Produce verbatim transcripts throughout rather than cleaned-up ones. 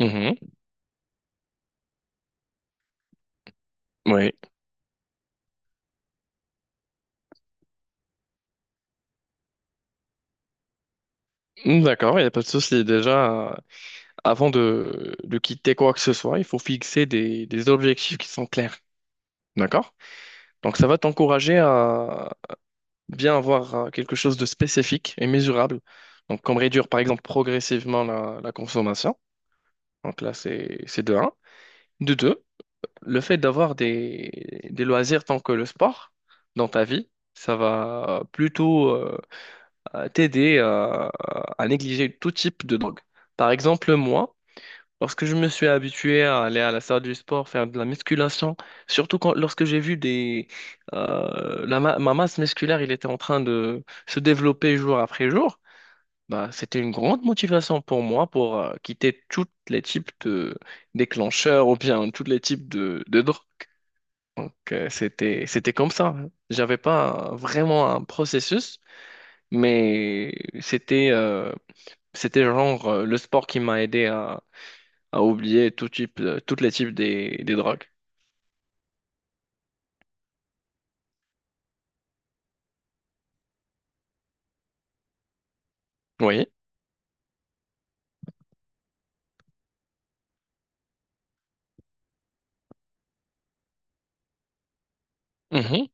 Mhm, oui, Mm, d'accord, il n'y a pas de souci. Déjà, euh, avant de, de quitter quoi que ce soit, il faut fixer des, des objectifs qui sont clairs. D'accord? Donc, ça va t'encourager à bien avoir euh, quelque chose de spécifique et mesurable. Donc, comme réduire, par exemple, progressivement la, la consommation. Donc, là, c'est, c'est de un. De deux, le fait d'avoir des, des loisirs tant que le sport dans ta vie, ça va plutôt euh, euh, t'aider euh, à négliger tout type de drogue. Par exemple, moi, lorsque je me suis habitué à aller à la salle du sport, faire de la musculation, surtout quand, lorsque j'ai vu des, euh, la ma, ma masse musculaire, il était en train de se développer jour après jour, bah, c'était une grande motivation pour moi pour euh, quitter tous les types de déclencheurs ou bien tous les types de, de drogues. Donc, euh, c'était, c'était comme ça. J'avais pas euh, vraiment un processus, mais c'était, euh, c'était genre euh, le sport qui m'a aidé à, à oublier tout type, euh, tous les types des, des drogues. Oui. Mhm.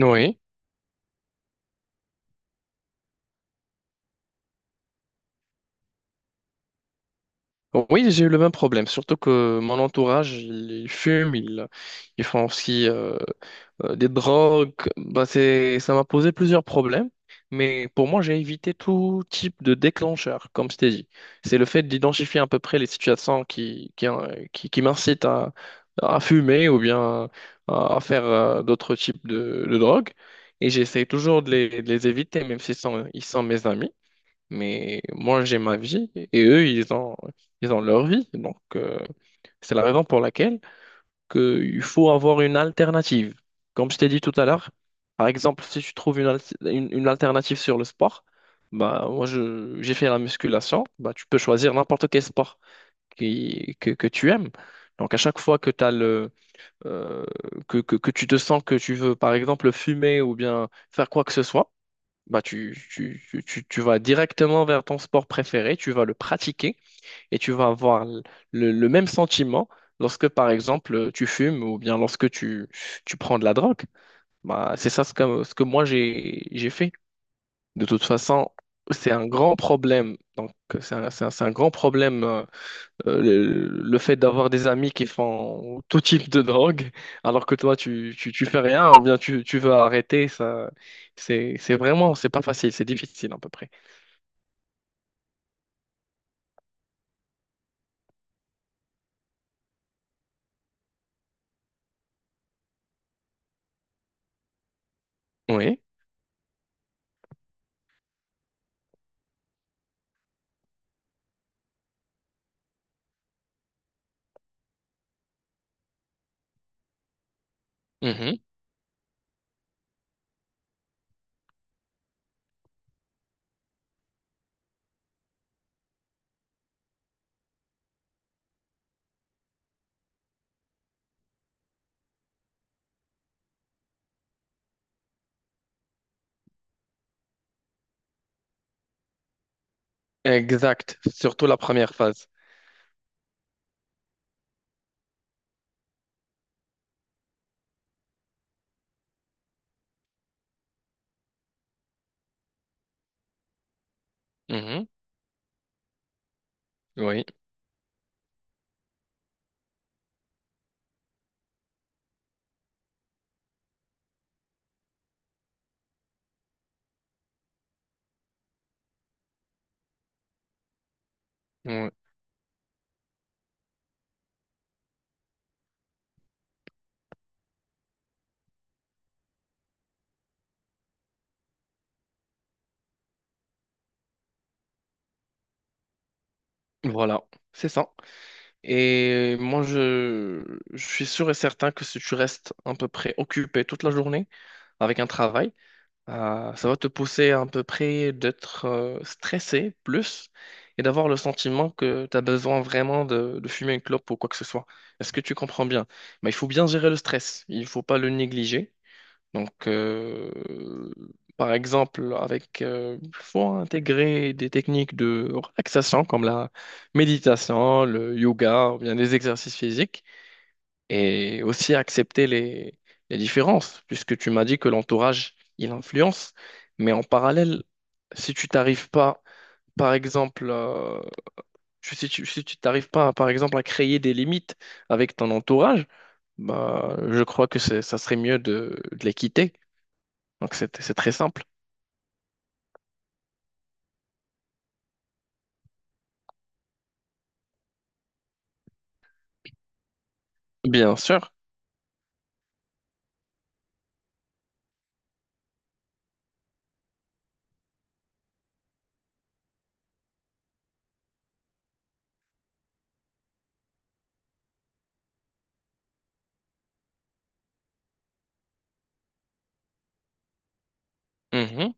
Oui. Oui, j'ai eu le même problème, surtout que mon entourage, ils ils fument, ils, ils font aussi euh, euh, des drogues. Bah, c'est, ça m'a posé plusieurs problèmes, mais pour moi, j'ai évité tout type de déclencheur, comme je t'ai dit. C'est le fait d'identifier à peu près les situations qui, qui, euh, qui, qui m'incitent à, à fumer ou bien à, à faire euh, d'autres types de, de drogues. Et j'essaie toujours de les, de les éviter, même s'ils sont, ils sont mes amis. Mais moi, j'ai ma vie et eux, ils ont, ils ont leur vie. Donc, euh, c'est la raison pour laquelle que il faut avoir une alternative. Comme je t'ai dit tout à l'heure, par exemple, si tu trouves une, al- une, une alternative sur le sport, bah, moi, je, j'ai fait la musculation, bah, tu peux choisir n'importe quel sport qui, que, que tu aimes. Donc, à chaque fois que, t'as le, euh, que, que, que tu te sens que tu veux, par exemple, fumer ou bien faire quoi que ce soit, bah tu, tu, tu, tu- tu vas directement vers ton sport préféré, tu vas le pratiquer et tu vas avoir l- le, le même sentiment lorsque, par exemple, tu fumes ou bien lorsque tu, tu prends de la drogue. Bah, c'est ça ce que, ce que moi j'ai, j'ai fait. De toute façon, c'est un grand problème. Donc, c'est un, c'est un, c'est un grand problème euh, euh, le, le fait d'avoir des amis qui font tout type de drogue alors que toi, tu, tu, tu fais rien ou bien tu, tu veux arrêter. Ça, c'est, c'est vraiment, c'est pas facile, c'est difficile à peu près. Oui, mhm, exact. Surtout la première phase. Mhm, oui, oui, voilà, c'est ça. Et moi, je, je suis sûr et certain que si tu restes à peu près occupé toute la journée avec un travail, euh, ça va te pousser à peu près d'être euh, stressé plus et d'avoir le sentiment que tu as besoin vraiment de, de fumer une clope ou quoi que ce soit. Est-ce que tu comprends bien? Mais il faut bien gérer le stress, il ne faut pas le négliger. Donc, euh, par exemple, avec, euh, il faut intégrer des techniques de relaxation comme la méditation, le yoga, ou bien des exercices physiques, et aussi accepter les, les différences, puisque tu m'as dit que l'entourage, il influence. Mais en parallèle, si tu t'arrives pas, par exemple, euh, tu- si tu, si tu t'arrives pas, par exemple, à créer des limites avec ton entourage, bah, je crois que c'est- ça serait mieux de, de les quitter. Donc, c'est c'est très simple. Bien sûr. Mhm.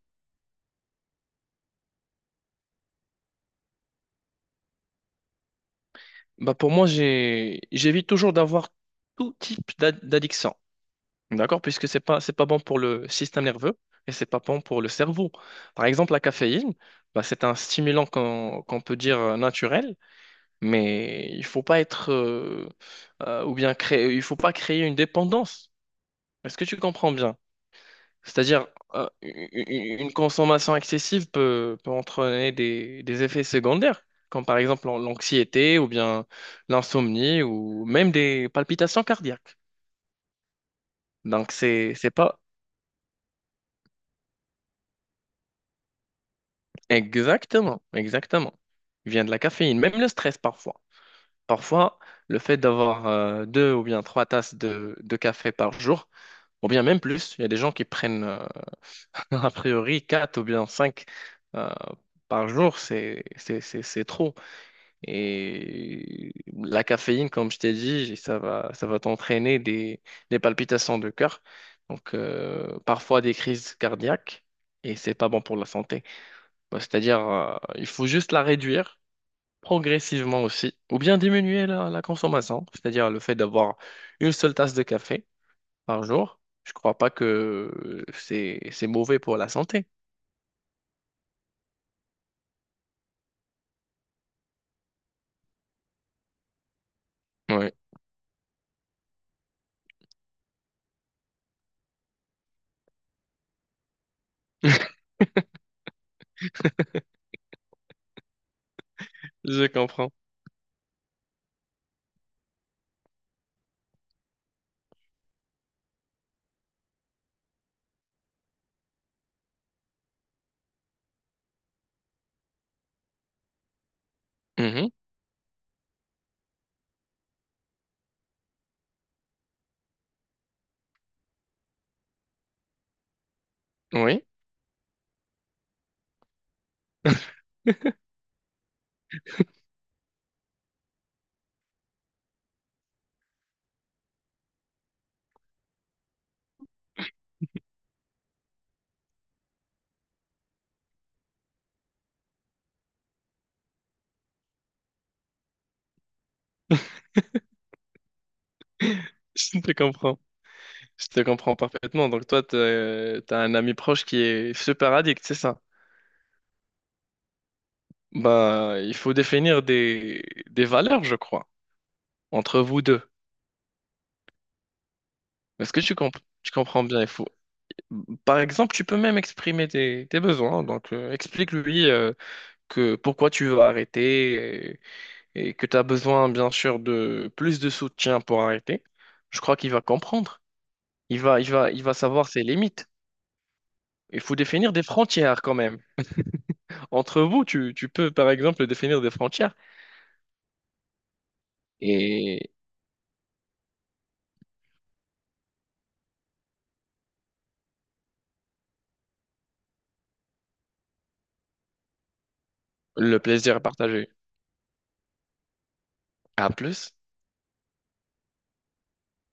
Bah pour moi, j'ai, j'évite toujours d'avoir tout type d'ad- d'addiction. D'accord? Puisque c'est pas, c'est pas bon pour le système nerveux et c'est pas bon pour le cerveau. Par exemple, la caféine, bah c'est un stimulant qu'on qu'on peut dire euh, naturel, mais il faut pas être, euh, euh, ou bien créer, il faut pas créer une dépendance. Est-ce que tu comprends bien? C'est-à-dire, euh, u- une consommation excessive peut, peut entraîner des, des effets secondaires, comme par exemple l'an- l'anxiété ou bien l'insomnie ou même des palpitations cardiaques. Donc, c'est, c'est pas Exactement, exactement. Il vient de la caféine, même le stress parfois. Parfois, le fait d'avoir euh, deux ou bien trois tasses de, de café par jour, ou bien même plus, il y a des gens qui prennent euh, a priori quatre ou bien cinq euh, par jour, c'est c'est- c'est- c'est trop. Et la caféine, comme je t'ai dit, ça va, ça va t'entraîner des, des palpitations de cœur, donc euh, parfois des crises cardiaques, et c'est pas bon pour la santé. Bah, c'est-à-dire, euh, il faut juste la réduire progressivement aussi, ou bien diminuer la, la consommation, c'est-à-dire le fait d'avoir une seule tasse de café par jour. Je crois pas que c'est c'est mauvais pour la santé. Oui, je comprends. Mhm. Oui, je te comprends. Je te comprends parfaitement. Donc toi, t'as t'as un ami proche qui est super addict, c'est ça? Bah, il faut définir des, des valeurs, je crois, entre vous deux. Est-ce que tu comp- Tu comprends bien? Il faut... Par exemple, tu peux même exprimer tes, tes besoins. Donc, euh, explique-lui euh, que pourquoi tu veux arrêter et, et que tu as besoin, bien sûr, de plus de soutien pour arrêter. Je crois qu'il va comprendre. Il va, il va, il va savoir ses limites. Il faut définir des frontières quand même. Entre vous, tu, tu peux par exemple définir des frontières et le plaisir est partagé. À plus.